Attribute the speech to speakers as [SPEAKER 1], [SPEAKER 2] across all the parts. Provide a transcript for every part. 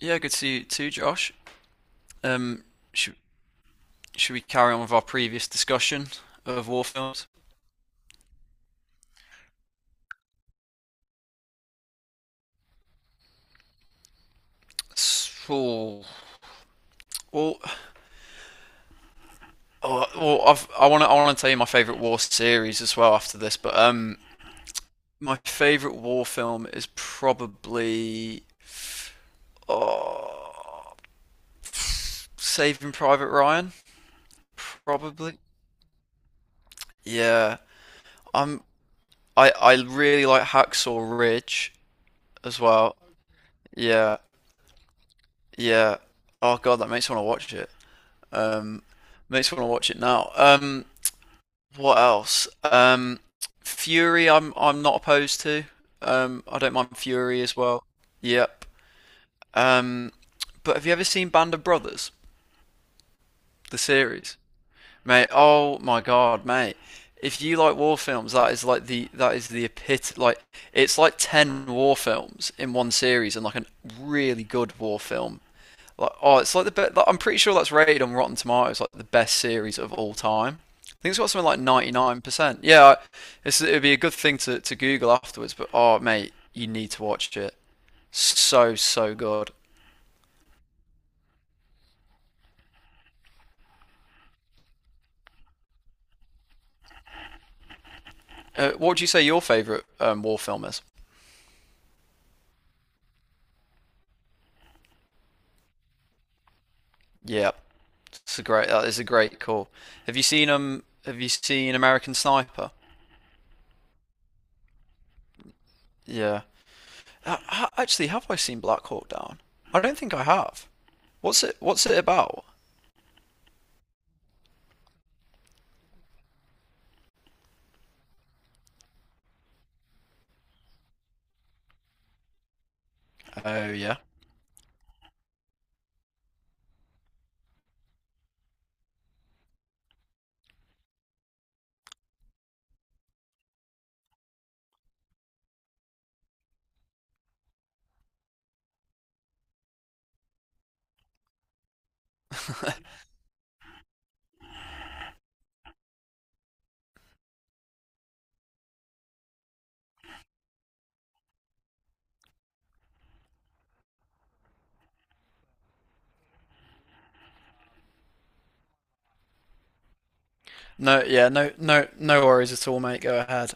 [SPEAKER 1] Yeah, good to see you too, Josh. Um, should should we carry on with our previous discussion of war films? So, well, I want to tell you my favorite war series as well after this, but my favorite war film is probably oh, Saving Private Ryan, probably. Yeah, I'm I really like Hacksaw Ridge as well. Yeah, yeah. Oh God, that makes me want to watch it. Um, Makes me want to watch it now. What else? Fury, I'm not opposed to. I don't mind Fury as well. Yep. Um, but have you ever seen Band of Brothers, the series? Mate, oh my God, mate. If you like war films, that is the epit like it's like 10 war films in one series and like a really good war film. It's like the best. Like, I'm pretty sure that's rated on Rotten Tomatoes like the best series of all time. I think it's got something like 99%. Yeah, it'd be a good thing to Google afterwards. But oh, mate, you need to watch it. So so good. What would you say your favorite war film is? Yeah, it's a great. That is a great call. Have you seen American Sniper? Yeah. Actually, have I seen Black Hawk Down? I don't think I have. What's it about? Oh yeah. No, yeah, no worries at all, mate. Go ahead.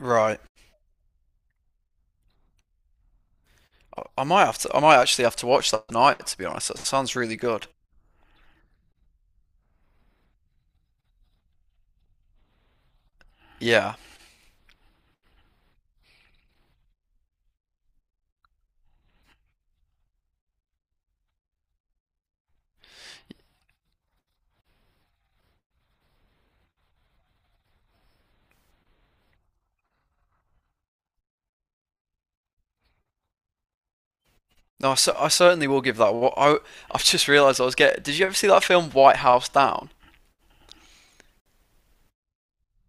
[SPEAKER 1] Right. I might have to. I might actually have to watch that tonight. To be honest, that sounds really good. Yeah. No, I certainly will give that. What I I've just realised I was getting. Did you ever see that film White House Down?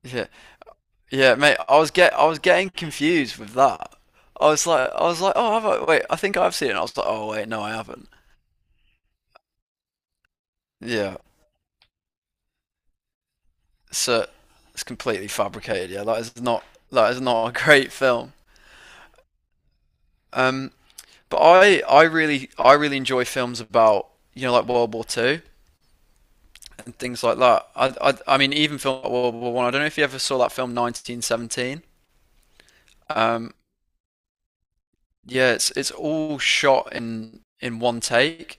[SPEAKER 1] Yeah. Yeah, mate. I was getting confused with that. I was like. I was like. Oh, have I? Wait. I think I've seen it. And I was like. Oh, wait. No, I haven't. Yeah. So it's completely fabricated. Yeah. That is not. That is not a great film. Um. But I really, I really enjoy films about you know like World War Two and things like that. I mean, even film like World War One. I don't know if you ever saw that film 1917. Um, yeah, it's all shot in one take,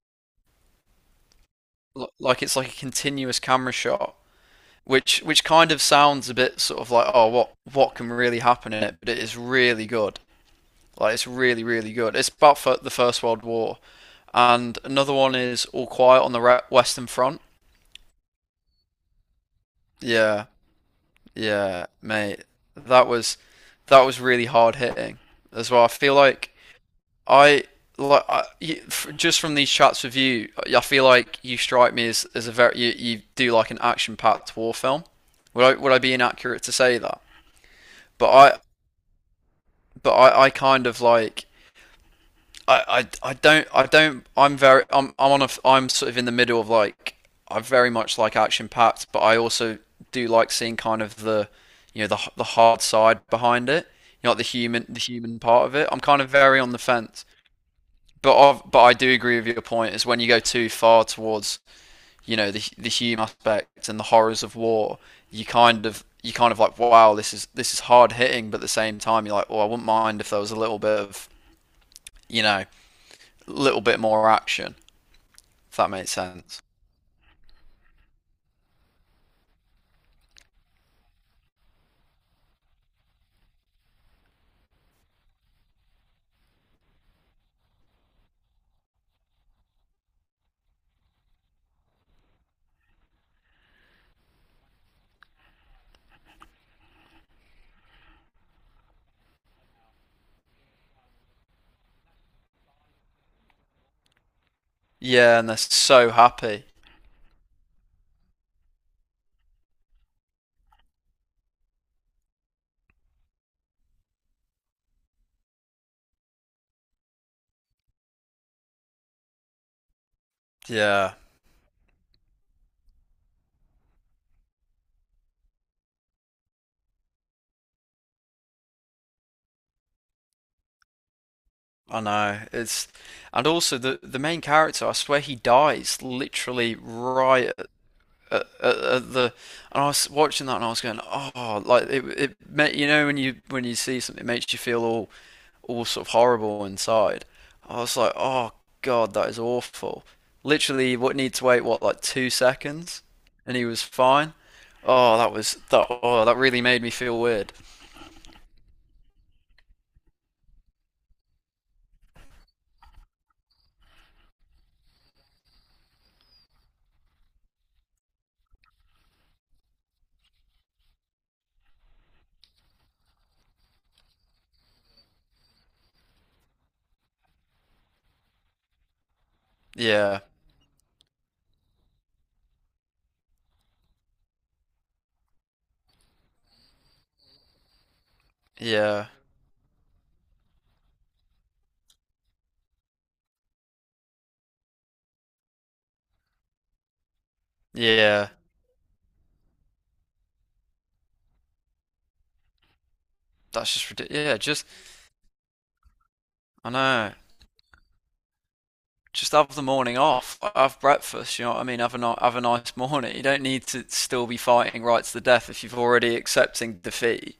[SPEAKER 1] like it's like a continuous camera shot, which kind of sounds a bit sort of like oh what can really happen in it, but it is really good. Like it's really really good. It's about the First World War, and another one is All Quiet on the Western Front. Yeah, Yeah, mate. That was that was really hard hitting as well. I feel like I just from these chats with you, I feel like you strike me as a very you do like an action-packed war film. Would I be inaccurate to say that? But I I kind of like I don't I'm on a I'm sort of in the middle of like I very much like action packed, but I also do like seeing kind of the you know the hard side behind it, you know, like the human part of it. I'm kind of very on the fence, but I do agree with your point. Is when you go too far towards you know the human aspect and the horrors of war, you kind of like wow this is hard hitting, but at the same time you're like well I wouldn't mind if there was a little bit of you know, a little bit more action. If that makes sense. Yeah, and they're so happy. Yeah, I know. It's And also the main character. I swear he dies literally right at the. And I was watching that and I was going, oh, like it made you know when you see something it makes you feel all sort of horrible inside. I was like, oh god, that is awful. Literally, what need to wait what like 2 seconds, and he was fine. Oh, that was that. Oh, that really made me feel weird. Yeah. Yeah, yeah, that's just ridiculous. Yeah, just I know. Just have the morning off. Have breakfast. You know what I mean. Have a nice morning. You don't need to still be fighting rights to death if you've already accepting defeat.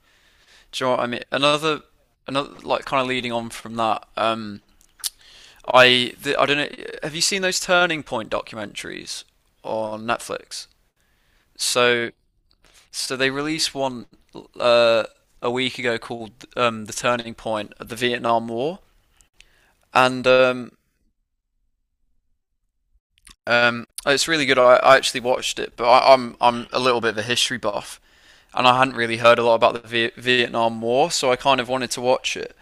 [SPEAKER 1] Do you know what I mean? Another like kind of leading on from that. I don't know. Have you seen those Turning Point documentaries on Netflix? So so they released one uh, a week ago called The Turning Point of the Vietnam War, and it's really good. I actually watched it, but I'm a little bit of a history buff, and I hadn't really heard a lot about the Vietnam War, so I kind of wanted to watch it.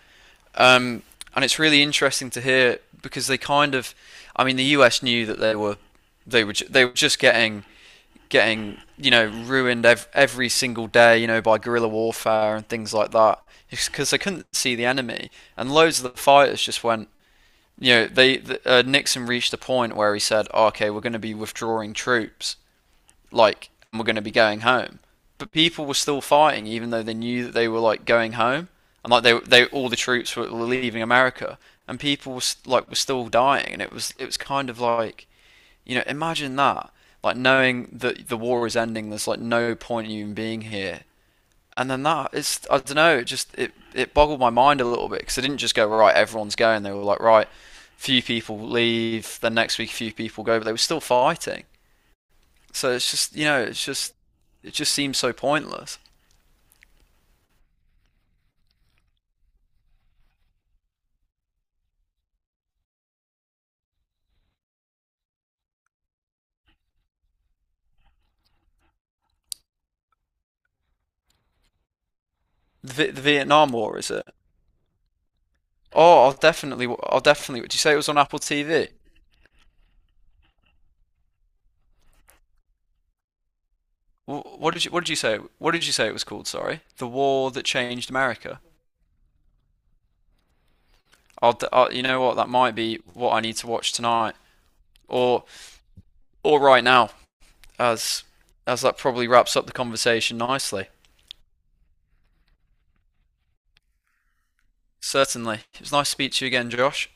[SPEAKER 1] Um, and it's really interesting to hear because they kind of, I mean, the U.S. knew that they were just getting getting you know ruined every single day you know by guerrilla warfare and things like that because they couldn't see the enemy and loads of the fighters just went you know, they Nixon reached a point where he said, oh, "Okay, we're going to be withdrawing troops, like, and we're going to be going home." But people were still fighting, even though they knew that they were like going home, and like they all the troops were leaving America, and people was, like were still dying, and it was kind of like you know, imagine that, like knowing that the war is ending, there's like no point in you even being here, and then that is I don't know it just it boggled my mind a little bit because they didn't just go right everyone's going they were like right few people leave then next week a few people go but they were still fighting so it's just you know it's just it just seems so pointless. The Vietnam War, is it? Oh, I'll definitely did you say it was on Apple TV? What did you say what did you say it was called, sorry? The War That Changed America. I'll you know what that might be what I need to watch tonight or or right now as as that probably wraps up the conversation nicely. Certainly, it was nice to speak to you again, Josh.